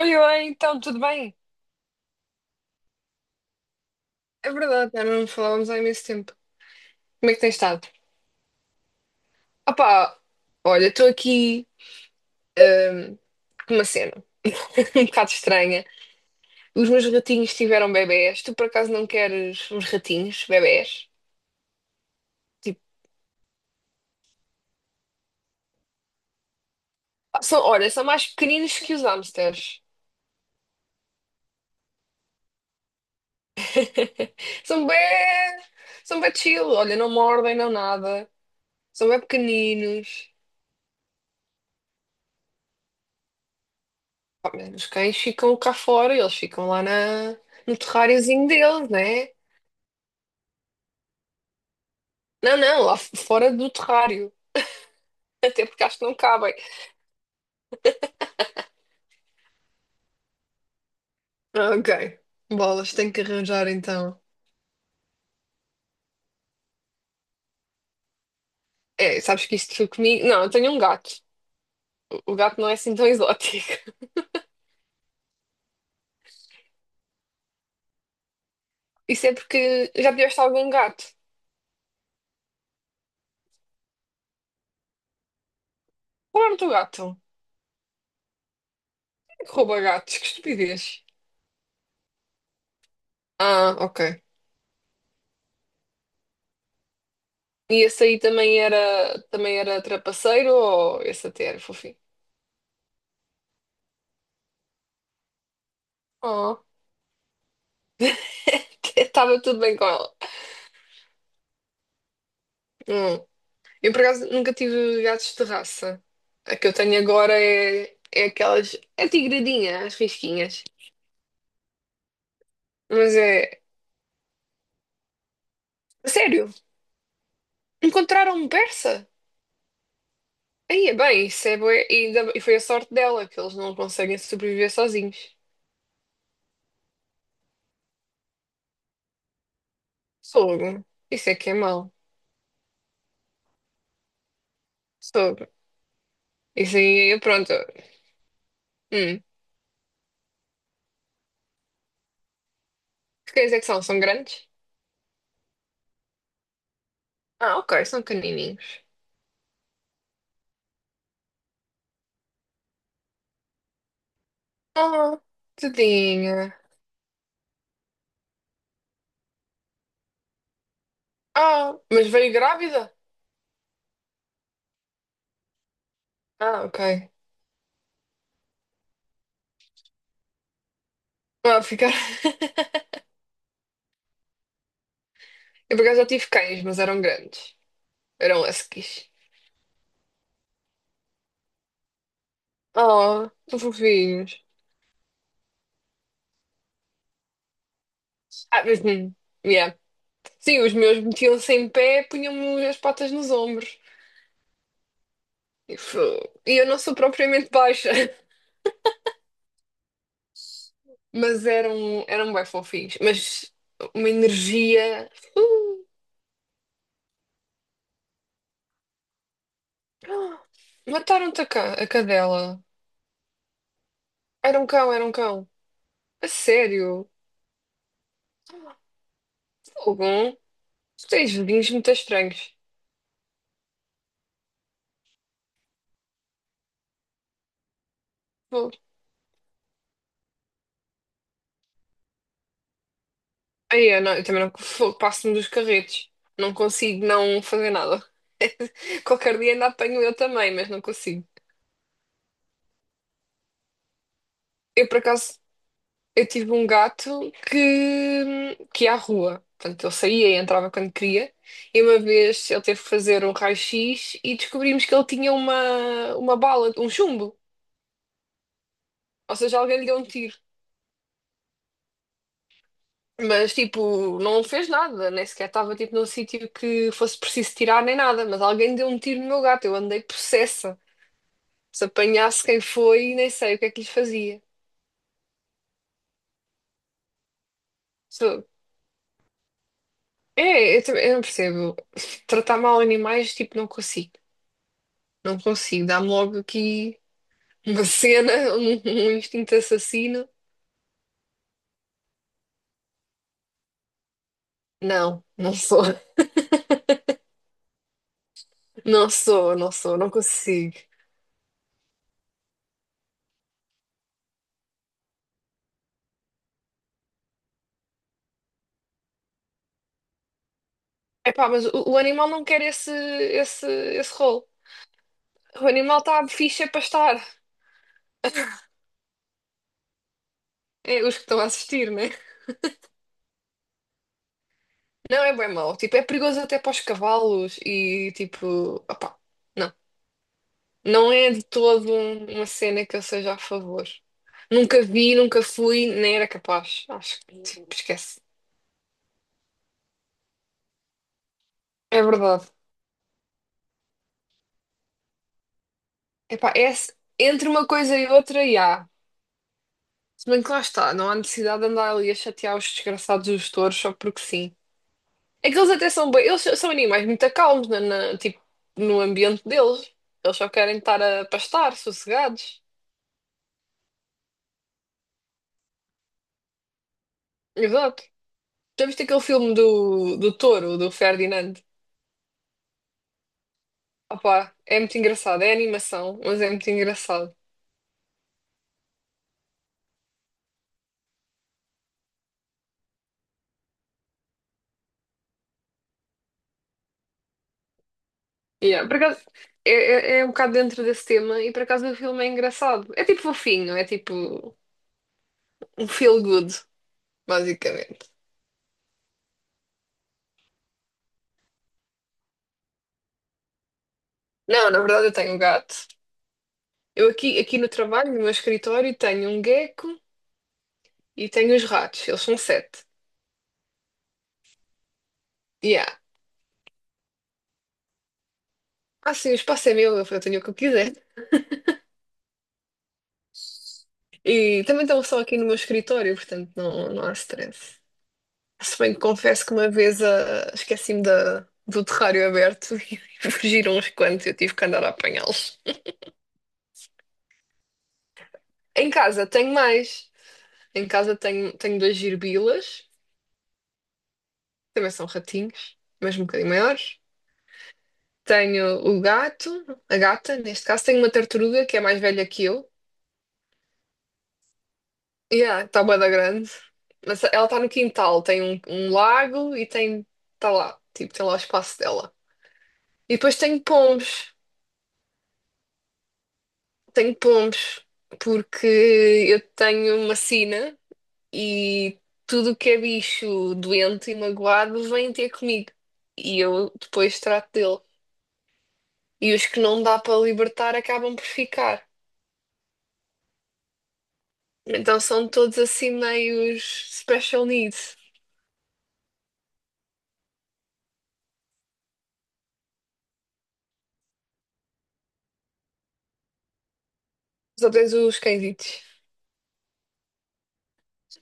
Oi, oi, então, tudo bem? É verdade, já não falávamos há imenso tempo. Como é que tens estado? Opá, olha, estou aqui hum, com uma cena um bocado estranha. Os meus ratinhos tiveram bebés. Tu por acaso não queres uns ratinhos, bebés? Tipo, ah, olha, são mais pequeninos que os hamsters. São bem, são bem chill. Olha, não mordem, não nada. São bem pequeninos. Pá, mas os cães ficam cá fora, eles ficam lá no terráriozinho deles, né? Não, não, lá fora do terrário. Até porque acho que não cabem. Ah, ok. Bolas, tenho que arranjar então. É, sabes que isto foi comigo. Não, eu tenho um gato. O gato não é assim tão exótico. Isso é porque já tiveste algum gato. Roubaram o teu gato. Quem é que rouba gatos, que estupidez. Ah, ok. E esse aí também era trapaceiro ou esse até era fofinho? Oh, estava tudo bem com ela. Hum. Eu, por acaso, nunca tive gatos de raça. A que eu tenho agora é aquelas. É tigradinha, as risquinhas. Mas é. Sério, encontraram um persa? Aí é bem, e foi a sorte dela, que eles não conseguem sobreviver sozinhos. Fogo. Isso é que é mau. Fogo. Isso aí, pronto. Hum. Que cães é que são? São grandes? Ah, ok, são canininhos. Ah, tadinha. Ah, mas veio grávida? Ah, ok. Vai ficar. Eu por acaso já tive cães, mas eram grandes. Eram huskies. Oh, tão fofinhos. Ah, mas, yeah. Sim, os meus metiam-se em pé, punham-me as patas nos ombros. E, fo- e eu não sou propriamente baixa, mas eram bem fofinhos. Mas uma energia. Uh, ah, mataram-te a cadela. Era um cão, era um cão. A sério. Algum? Tu tens vizinhos muito estranhos. Aí, eu, não, eu também não passo-me dos carretos. Não consigo não fazer nada. Qualquer dia ainda apanho eu também, mas não consigo. Eu, por acaso, eu tive um gato que ia à rua. Portanto, ele saía e entrava quando queria. E uma vez ele teve que fazer um raio-x e descobrimos que ele tinha uma bala, um chumbo. Ou seja, alguém lhe deu um tiro. Mas, tipo, não fez nada. Nem sequer estava, tipo, num sítio que fosse preciso tirar nem nada. Mas alguém deu um tiro no meu gato. Eu andei possessa. Se apanhasse quem foi, nem sei o que é que lhe fazia. Se- É, eu não percebo. Tratar mal animais, tipo, não consigo. Não consigo. Dá-me logo aqui uma cena, um instinto assassino. Não, não sou. Não sou, não sou, não consigo. Epá, mas o animal não quer esse rolo. O animal está fixe é para estar. É, os que estão a assistir, né? Não é bem mau. Tipo, é perigoso até para os cavalos e, tipo, opá. Não. Não é de todo uma cena que eu seja a favor. Nunca vi, nunca fui, nem era capaz. Acho que tipo, esquece. É verdade. Epá, é, entre uma coisa e outra, e há. Se bem que lá está, não há necessidade de andar ali a chatear os desgraçados dos touros só porque sim. É que eles até são bem, eles são animais muito calmos tipo, no ambiente deles. Eles só querem estar a pastar, sossegados. Exato. Já viste aquele filme do touro, do Ferdinand? Opa, é muito engraçado, é animação, mas é muito engraçado. Yeah, por acaso, é, é um bocado dentro desse tema e por acaso o filme é engraçado. É tipo fofinho, é tipo um feel good, basicamente. Não, na verdade eu tenho um gato. Eu aqui, aqui no trabalho, no meu escritório, tenho um gecko e tenho os ratos, eles são sete. Yeah. Ah, sim, o espaço é meu, eu tenho o que eu quiser. E também estão só aqui no meu escritório, portanto não, não há stress. Se bem que confesso que uma vez esqueci-me do terrário aberto e fugiram uns quantos, e eu tive que andar a apanhá-los. Em casa tenho mais. Em casa tenho duas girbilas, também são ratinhos, mas um bocadinho maiores. Tenho o gato, a gata, neste caso. Tenho uma tartaruga que é mais velha que eu. Yeah, está bué da grande. Mas ela está no quintal, tem um lago e tem, está lá, tipo, tem lá o espaço dela. E depois tenho pombos. Tenho pombos, porque eu tenho uma sina e tudo o que é bicho doente e magoado vem ter comigo. E eu depois trato dele. E os que não dá para libertar acabam por ficar. Então são todos assim meios special needs. Só tens os cãezitos.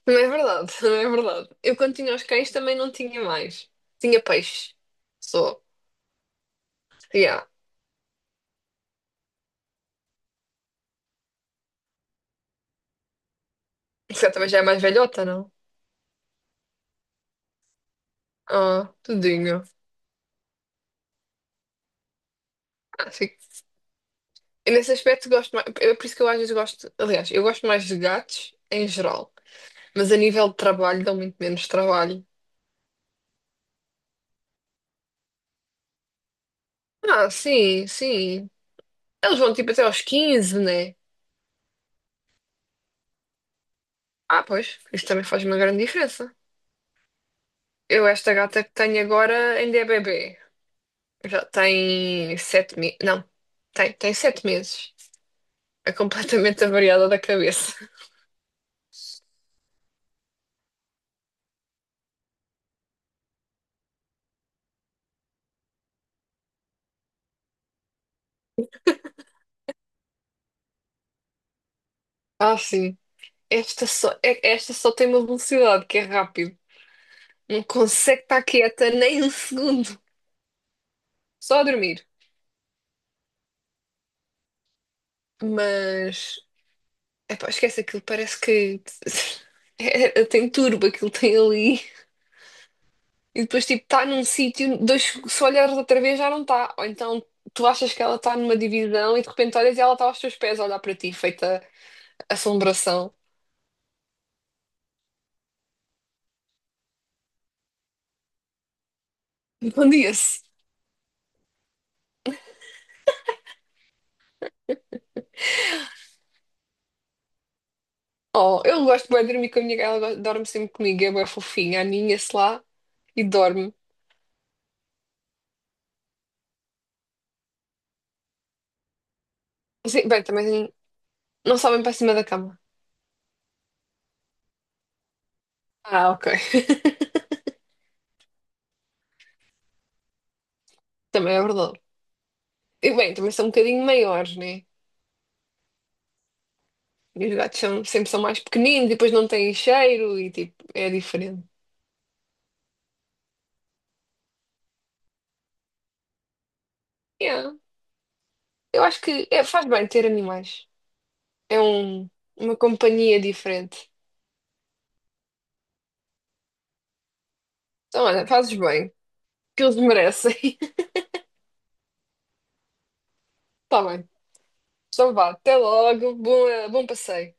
Não é verdade, não é verdade. Eu quando tinha os cães também não tinha mais. Tinha peixe. Só. Yeah. Você também já é mais velhota, não? Ah, tudinho. Ah, sim. Nesse aspecto gosto mais, é por isso que eu às vezes gosto, aliás, eu gosto mais de gatos em geral, mas a nível de trabalho dão muito menos trabalho. Ah, sim, sim. Eles vão tipo até aos 15, né? Ah, pois, isso também faz uma grande diferença. Eu, esta gata que tenho agora ainda é bebê. Já tem 7 meses. Não, tem 7 meses. É completamente avariada da cabeça. Ah, sim. Esta só, esta só tem uma velocidade que é rápido. Não consegue estar quieta nem um segundo. Só a dormir. Mas, epá, esquece aquilo, parece que é, tem turbo aquilo tem ali. E depois, tipo, está num sítio, dois, se olhares outra vez já não está. Ou então tu achas que ela está numa divisão e de repente olhas e ela está aos teus pés a olhar para ti, feita assombração. Encandia-se. Oh, eu gosto bué de dormir com a minha gata, ela dorme sempre comigo, é bué fofinha, aninha-se lá e dorme. Sim, bem, também não sobem para cima da cama. Ah, ok. Também é verdade. E bem, também são um bocadinho maiores, né? E os gatos são, sempre são mais pequeninos e depois não têm cheiro e tipo, é diferente. Yeah. Eu acho que faz bem ter animais. É uma companhia diferente. Então, olha, fazes bem, que eles merecem. Tá bem. Então vá, até logo, bom passeio.